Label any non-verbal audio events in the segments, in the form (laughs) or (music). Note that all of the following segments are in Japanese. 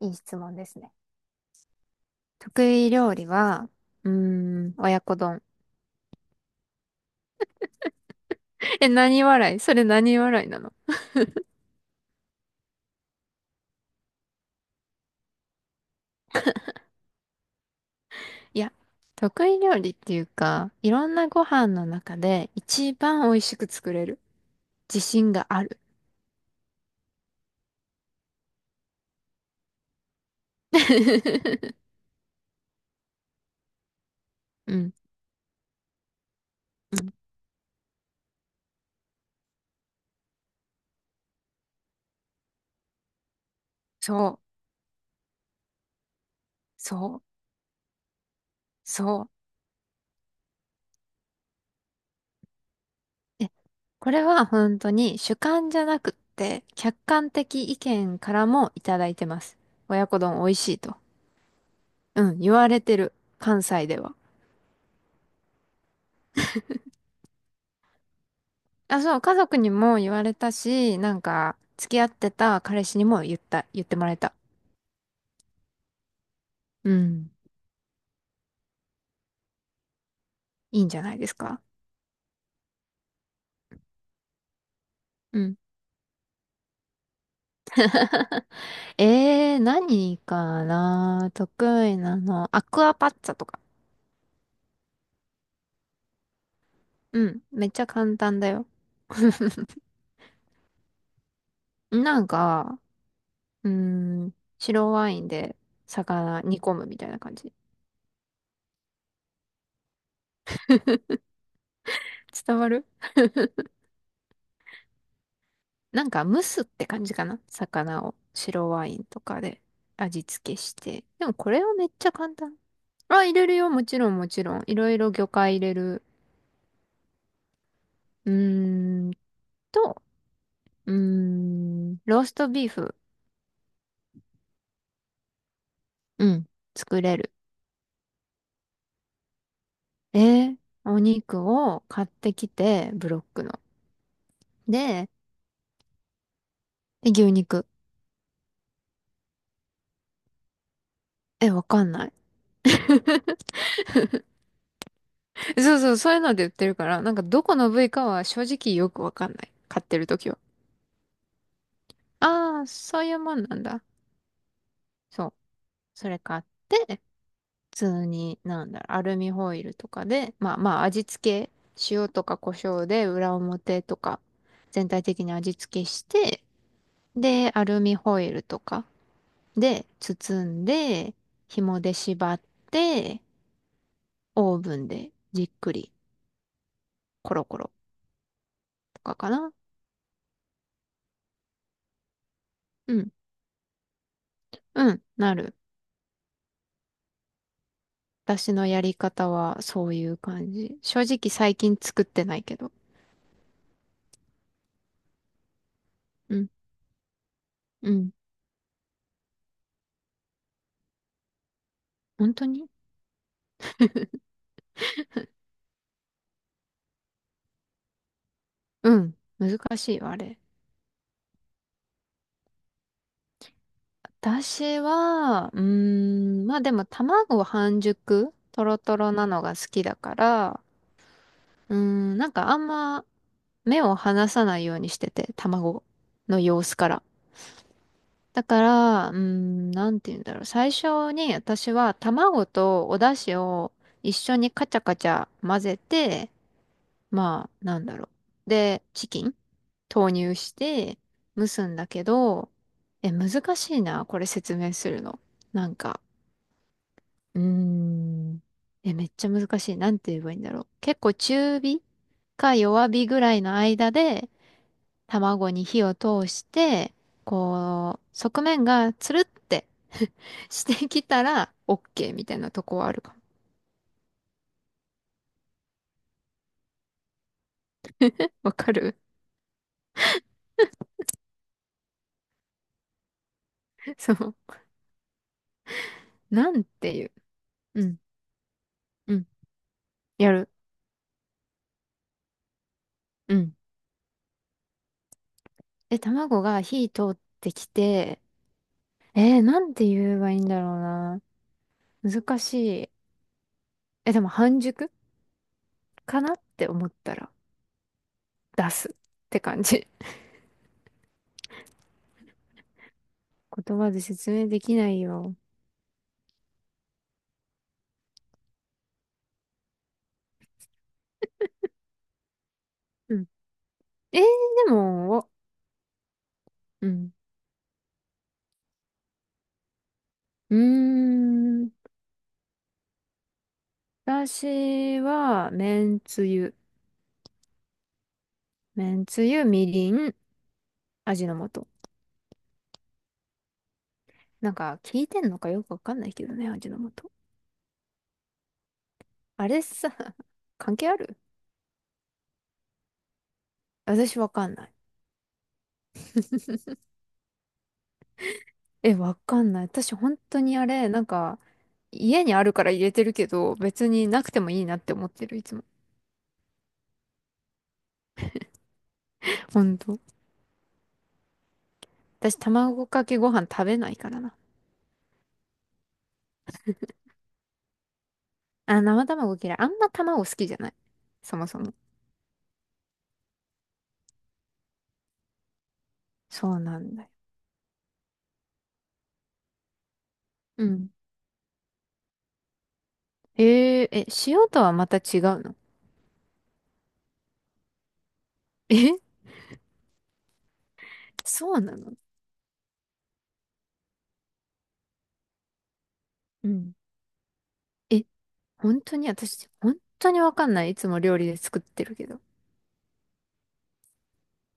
いい質問ですね。得意料理は、うー親子丼。え、何笑い？それ何笑いなの？いや、得意料理っていうか、いろんなご飯の中で一番美味しく作れる。自信がある。(laughs) うん、うん、そう、そう、そう。え、これは本当に主観じゃなくって、客観的意見からもいただいてます。親子丼美味しいと。うん、言われてる。関西では。あ、そう、家族にも言われたし、なんか、付き合ってた彼氏にも言ってもらえた。うん。いいんじゃないですか？うん。(laughs) 何かな得意なの。アクアパッツァとか。うん。めっちゃ簡単だよ。(laughs) なんか、うー白ワインで魚煮込むみたいな感じ。伝わる？なんか蒸すって感じかな、魚を白ワインとかで味付けして。でもこれはめっちゃ簡単。あ、入れるよ。もちろん、もちろん。いろいろ魚介入れる。うーんと、ローストビーフ。うん、作れる。えお肉を買ってきて、ブロックの。で、牛肉。え、わかんない。(laughs) そうそう、そういうので売ってるから、なんかどこの部位かは正直よくわかんない。買ってるときは。ああ、そういうもんなんだ。そう。それ買って、通に、なんだろう、アルミホイルとかで、まあまあ味付け、塩とか胡椒で裏表とか全体的に味付けして、で、アルミホイルとかで包んで、紐で縛って、オーブンでじっくりコロコロとかかな。うん、うん、なる。私のやり方はそういう感じ。正直最近作ってないけど。うん、うん。本当に？うん。難しいわ、あれ。私は、まあでも卵半熟、トロトロなのが好きだから、なんかあんま目を離さないようにしてて、卵の様子から。だから、なんて言うんだろう。最初に私は卵とお出汁を一緒にカチャカチャ混ぜて、まあ、なんだろう。で、チキン投入して蒸すんだけど、え、難しいな、これ説明するの。なんか、うーん。え、めっちゃ難しい。なんて言えばいいんだろう。結構中火か弱火ぐらいの間で卵に火を通して、こう、側面がつるって (laughs) してきたら OK みたいなとこはあるかも。わかる？ (laughs) そう。なんていう。うん。うん。やる。うん。で、卵が火通ってきて、なんて言えばいいんだろうな。難しい。え、でも半熟かなって思ったら。出すって感じ。言葉で説明できないよ。うん。えー、でも、うん。うーん。私は、めんつゆ。めんつゆ、みりん、味の素。なんか、聞いてんのかよくわかんないけどね、味の素。あれさ、関係ある？私わかんない。え、わかんない。私本当にあれ、なんか、家にあるから入れてるけど、別になくてもいいなって思ってる、いつも。ほんと。私、卵かけご飯食べないからな。あ、生卵嫌い。あんま卵好きじゃない。そもそも。そうなんだよ。うん。ええ、塩とはまた違うの？ (laughs) え、そうなの？うん。え、本当に私、本当にわかんない。いつも料理で作ってるけど。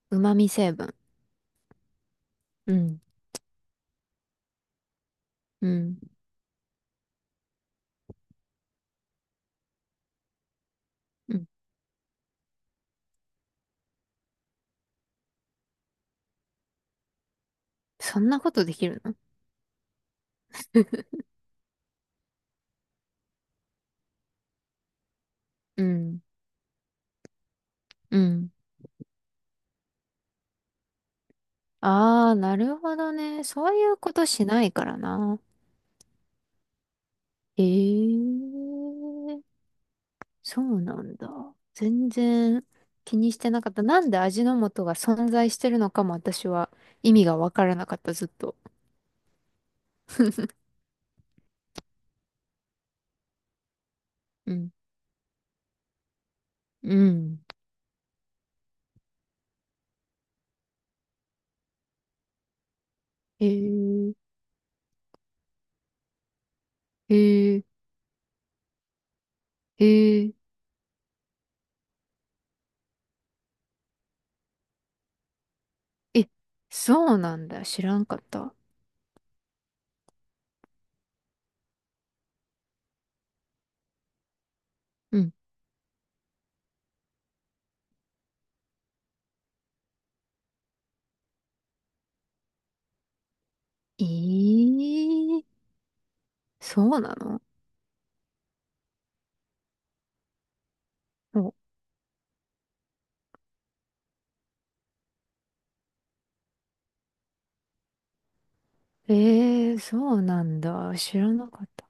旨味成分。うん。うん。うん。そんなことできるの？ (laughs) うん。うん。ああ、なるほどね。そういうことしないからな。ええ、そうなんだ。全然気にしてなかった。なんで味の素が存在してるのかも私は意味がわからなかった、ずっと。うん。うん。へえ、へえ、へえ、え、そうなんだ。知らんかった。うん。ええ、そうなの？お、ええ、そうなんだ。知らなかった。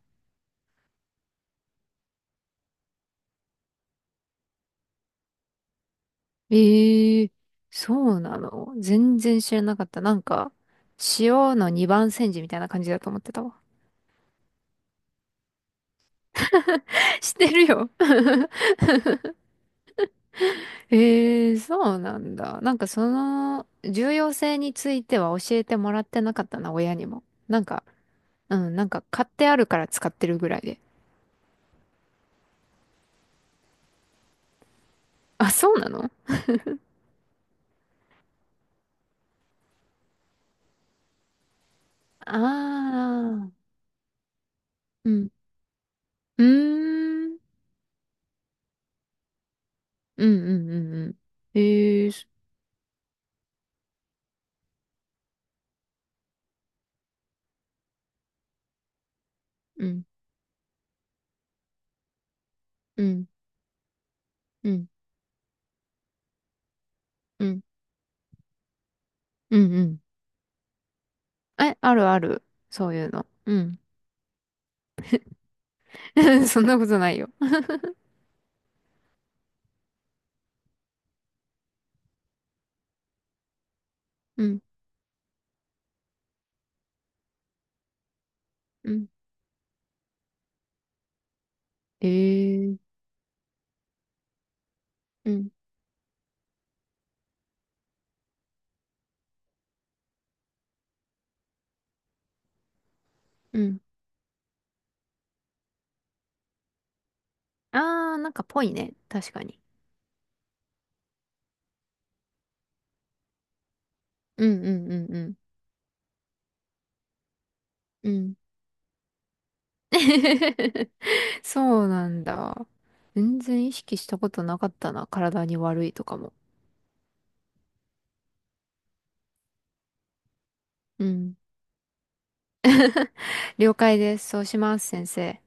ええ、そうなの？全然知らなかった。なんか、塩の二番煎じみたいな感じだと思ってたわ。(laughs) してるよ。ええ、そうなんだ。なんかその重要性については教えてもらってなかったな、親にも。なんか、うん、なんか買ってあるから使ってるぐらいで。あ、そうなの？ああー、うん。うーん。うんうんうんうん。ええ、そうん、うん、うん、うん、うん、うん。え、あるある。そういうの。うん。(laughs) そんなことないよ。うん、うん。ええ、うん、うん。ああ、なんかぽいね。確かに。うんうんうんうん。うん (laughs) そうなんだ。全然意識したことなかったな。体に悪いとかも。うん。了解です。そうします、先生。